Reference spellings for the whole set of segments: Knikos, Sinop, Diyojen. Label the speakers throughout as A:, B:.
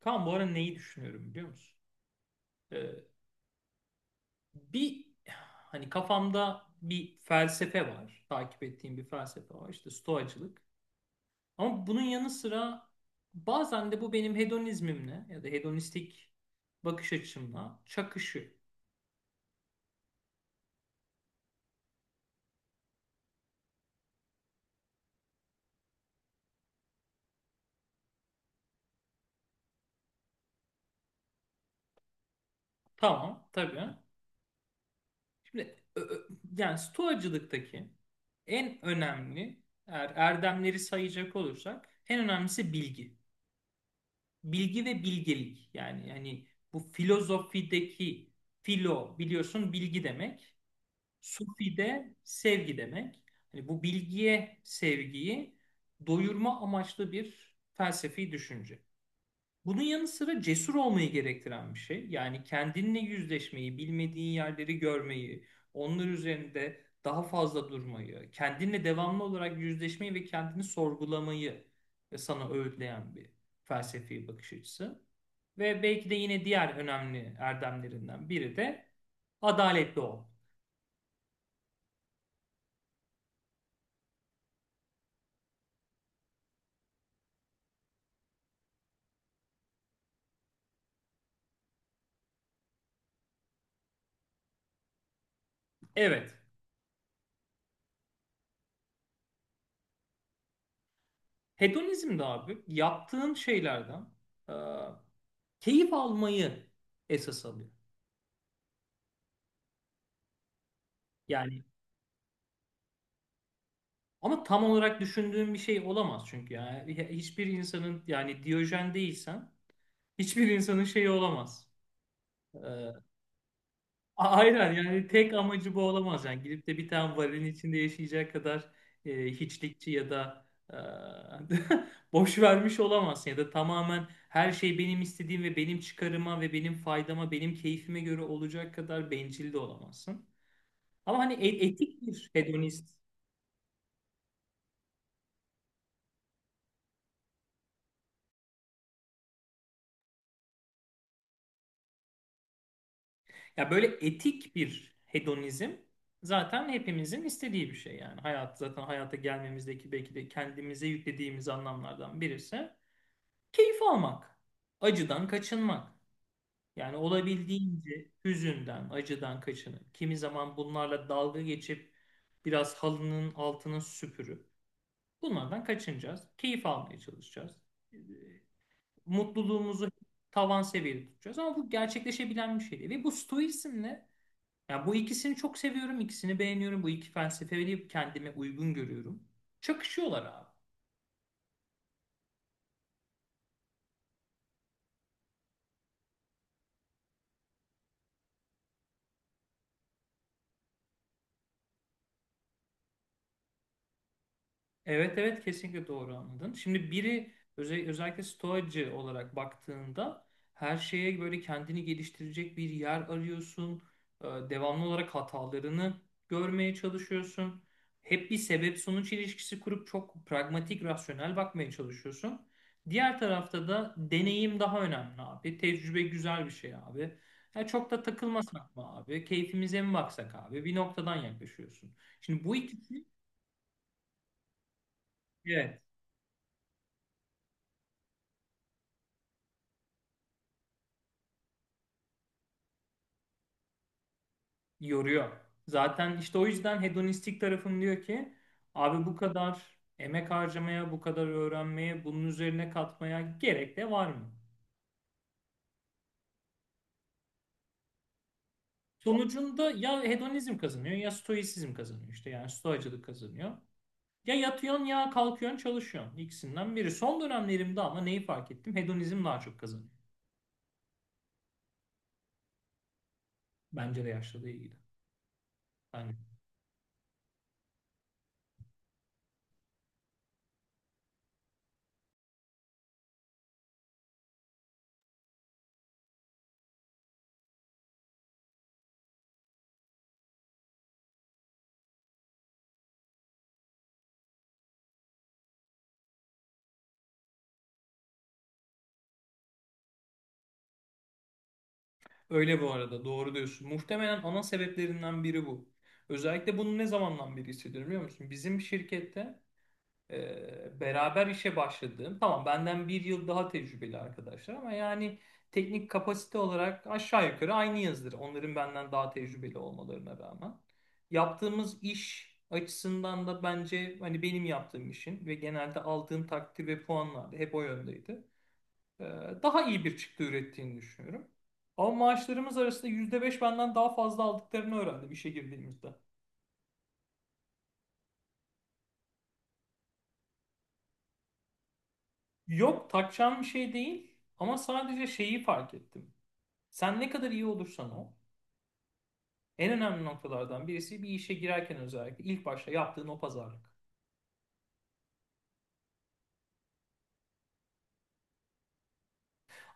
A: Kaan bu ara neyi düşünüyorum biliyor musun? Ee, bir hani Kafamda bir felsefe var. Takip ettiğim bir felsefe var. İşte stoacılık. Ama bunun yanı sıra bazen de bu benim hedonizmimle ya da hedonistik bakış açımla çakışıyor. Tamam, tabii. Şimdi stoacılıktaki en önemli eğer erdemleri sayacak olursak en önemlisi bilgi. Bilgi ve bilgelik, yani bu filozofideki filo biliyorsun bilgi demek. Sufi de sevgi demek. Hani bu bilgiye sevgiyi doyurma amaçlı bir felsefi düşünce. Bunun yanı sıra cesur olmayı gerektiren bir şey. Yani kendinle yüzleşmeyi, bilmediğin yerleri görmeyi, onlar üzerinde daha fazla durmayı, kendinle devamlı olarak yüzleşmeyi ve kendini sorgulamayı sana öğütleyen bir felsefi bakış açısı. Ve belki de yine diğer önemli erdemlerinden biri de adaletli ol. Evet, hedonizm de abi yaptığın şeylerden e, keyif almayı esas alıyor. Yani ama tam olarak düşündüğüm bir şey olamaz çünkü yani hiçbir insanın, yani Diyojen değilsen hiçbir insanın şeyi olamaz. Ee, aynen, yani tek amacı bu olamaz, yani gidip de bir tane varilin içinde yaşayacak kadar hiçlikçi ya da e, boş vermiş olamazsın ya da tamamen her şey benim istediğim ve benim çıkarıma ve benim faydama benim keyfime göre olacak kadar bencil de olamazsın. Ama hani etik bir hedonist. Ya böyle etik bir hedonizm zaten hepimizin istediği bir şey yani. Hayat zaten hayata gelmemizdeki belki de kendimize yüklediğimiz anlamlardan birisi keyif almak, acıdan kaçınmak. Yani olabildiğince hüzünden, acıdan kaçının, kimi zaman bunlarla dalga geçip biraz halının altını süpürüp bunlardan kaçınacağız. Keyif almaya çalışacağız. Ee, Mutluluğumuzu tavan seviyede tutacağız ama bu gerçekleşebilen bir şey değil. Ve bu stoizmle, yani bu ikisini çok seviyorum, ikisini beğeniyorum. Bu iki felsefeyi kendime uygun görüyorum. Çakışıyorlar abi. Evet, evet, kesinlikle doğru anladın. Şimdi biri özellikle stoacı olarak baktığında her şeye böyle kendini geliştirecek bir yer arıyorsun. Devamlı olarak hatalarını görmeye çalışıyorsun. Hep bir sebep sonuç ilişkisi kurup çok pragmatik, rasyonel bakmaya çalışıyorsun. Diğer tarafta da deneyim daha önemli abi. Tecrübe güzel bir şey abi. Ya çok da takılmasak mı abi? Keyfimize mi baksak abi? Bir noktadan yaklaşıyorsun. Şimdi bu ikisi. Evet. Yoruyor. Zaten işte o yüzden hedonistik tarafım diyor ki abi bu kadar emek harcamaya, bu kadar öğrenmeye, bunun üzerine katmaya gerek de var mı? Sonucunda ya hedonizm kazanıyor ya stoisizm kazanıyor, işte yani stoacılık kazanıyor. Ya yatıyorsun ya kalkıyorsun çalışıyorsun, ikisinden biri. Son dönemlerimde ama neyi fark ettim? Hedonizm daha çok kazanıyor. Bence de yaşlılığa ilgili. Yani öyle, bu arada doğru diyorsun. Muhtemelen ana sebeplerinden biri bu. Özellikle bunu ne zamandan beri hissediyorum biliyor musun? Bizim şirkette beraber işe başladığım, tamam benden bir yıl daha tecrübeli arkadaşlar ama yani teknik kapasite olarak aşağı yukarı aynı yazdır. Onların benden daha tecrübeli olmalarına rağmen. Yaptığımız iş açısından da bence hani benim yaptığım işin ve genelde aldığım takdir ve puanlar da hep o yöndeydi. Ee, Daha iyi bir çıktı ürettiğini düşünüyorum. Ama maaşlarımız arasında %5 benden daha fazla aldıklarını öğrendim işe girdiğimizde. Yok, takacağım bir şey değil ama sadece şeyi fark ettim. Sen ne kadar iyi olursan ol, en önemli noktalardan birisi bir işe girerken özellikle ilk başta yaptığın o pazarlık.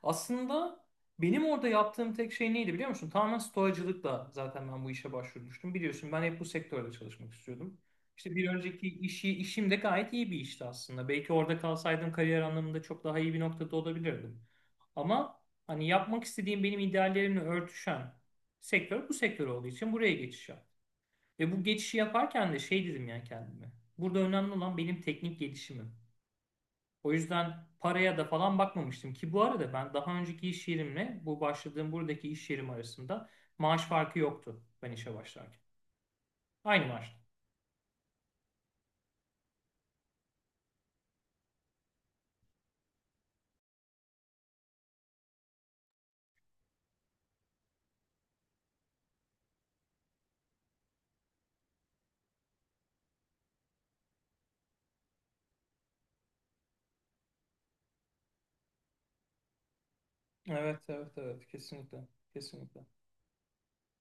A: Aslında benim orada yaptığım tek şey neydi biliyor musun? Tamamen stoacılıkla zaten ben bu işe başvurmuştum. Biliyorsun ben hep bu sektörde çalışmak istiyordum. İşte bir önceki işim de gayet iyi bir işti aslında. Belki orada kalsaydım kariyer anlamında çok daha iyi bir noktada olabilirdim. Ama hani yapmak istediğim, benim ideallerimle örtüşen sektör bu sektör olduğu için buraya geçiş yaptım. Ve bu geçişi yaparken de şey dedim ya kendime. Burada önemli olan benim teknik gelişimim. O yüzden paraya da falan bakmamıştım ki, bu arada ben daha önceki iş yerimle bu başladığım buradaki iş yerim arasında maaş farkı yoktu ben işe başlarken. Aynı maaştı. Evet, evet, evet. Kesinlikle. Kesinlikle.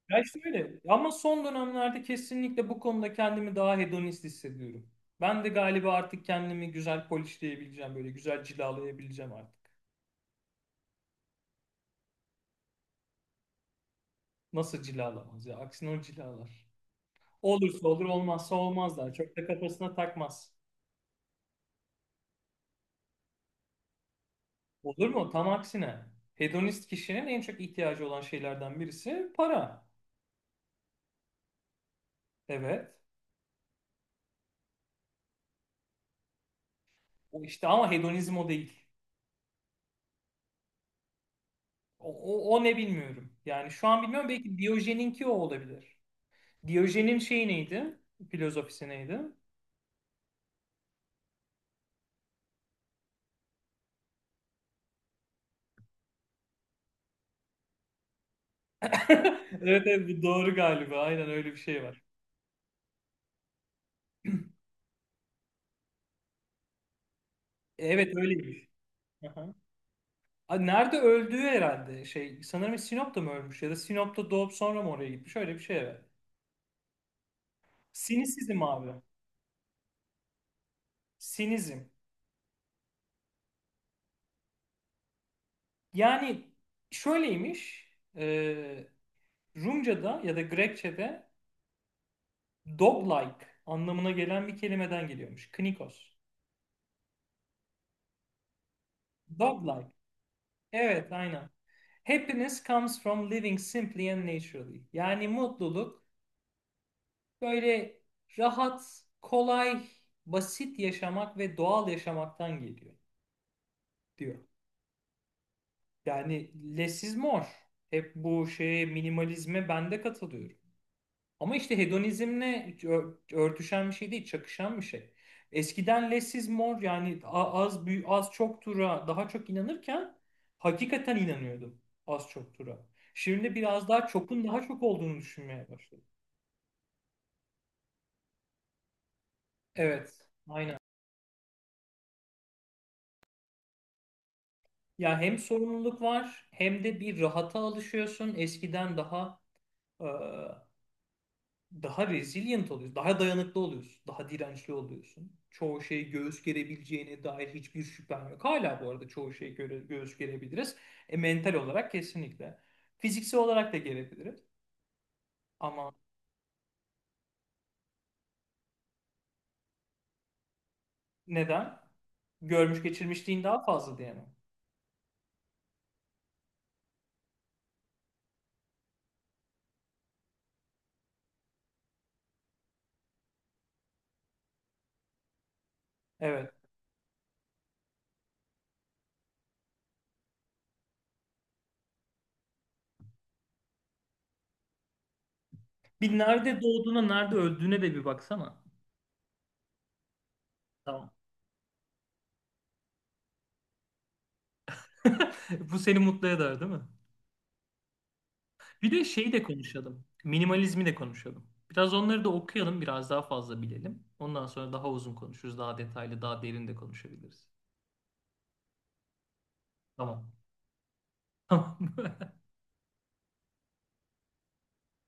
A: Ya şöyle, ama son dönemlerde kesinlikle bu konuda kendimi daha hedonist hissediyorum. Ben de galiba artık kendimi güzel polishleyebileceğim, böyle güzel cilalayabileceğim artık. Nasıl cilalamaz ya? Aksine o cilalar. Olursa olur, olmazsa olmazlar. Çok da kafasına takmaz. Olur mu? Tam aksine. Hedonist kişinin en çok ihtiyacı olan şeylerden birisi para. Evet. O işte ama hedonizm o değil. O, O ne bilmiyorum. Yani şu an bilmiyorum. Belki Diyojen'inki o olabilir. Diyojen'in şeyi neydi? Filozofisi neydi? Evet, evet, bu doğru galiba. Aynen öyle bir şey var. Evet, öyleymiş. Aha. Aa, nerede öldüğü herhalde şey, sanırım Sinop'ta mı ölmüş ya da Sinop'ta doğup sonra mı oraya gitmiş, öyle bir şey, evet. Sinisizm abi. Sinizm. Yani şöyleymiş. E, Rumca'da ya da Grekçe'de dog-like anlamına gelen bir kelimeden geliyormuş. Knikos. Dog-like. Evet, aynen. Happiness comes from living simply and naturally. Yani mutluluk böyle rahat, kolay, basit yaşamak ve doğal yaşamaktan geliyor diyor. Yani less is more. Hep bu şeye, minimalizme ben de katılıyorum. Ama işte hedonizmle örtüşen bir şey değil, çakışan bir şey. Eskiden less is more, yani az büyük, az çok tura daha çok inanırken hakikaten inanıyordum az çok tura. Şimdi biraz daha çokun daha çok olduğunu düşünmeye başladım. Evet, aynen. Ya hem sorumluluk var hem de bir rahata alışıyorsun. Eskiden daha, resilient oluyorsun, daha dayanıklı oluyorsun, daha dirençli oluyorsun. Çoğu şeyi göğüs gerebileceğine dair hiçbir şüphem yok. Hala bu arada çoğu şeyi göğüs gerebiliriz. Mental olarak kesinlikle. Fiziksel olarak da gerebiliriz. Ama neden? Görmüş geçirmişliğin daha fazla diye mi? Evet. Bir nerede doğduğuna, nerede öldüğüne de bir baksana. Tamam. Bu seni mutlu eder, değil mi? Bir de şeyi de konuşalım. Minimalizmi de konuşalım. Biraz onları da okuyalım, biraz daha fazla bilelim. Ondan sonra daha uzun konuşuruz, daha detaylı, daha derin de konuşabiliriz. Tamam. Tamam.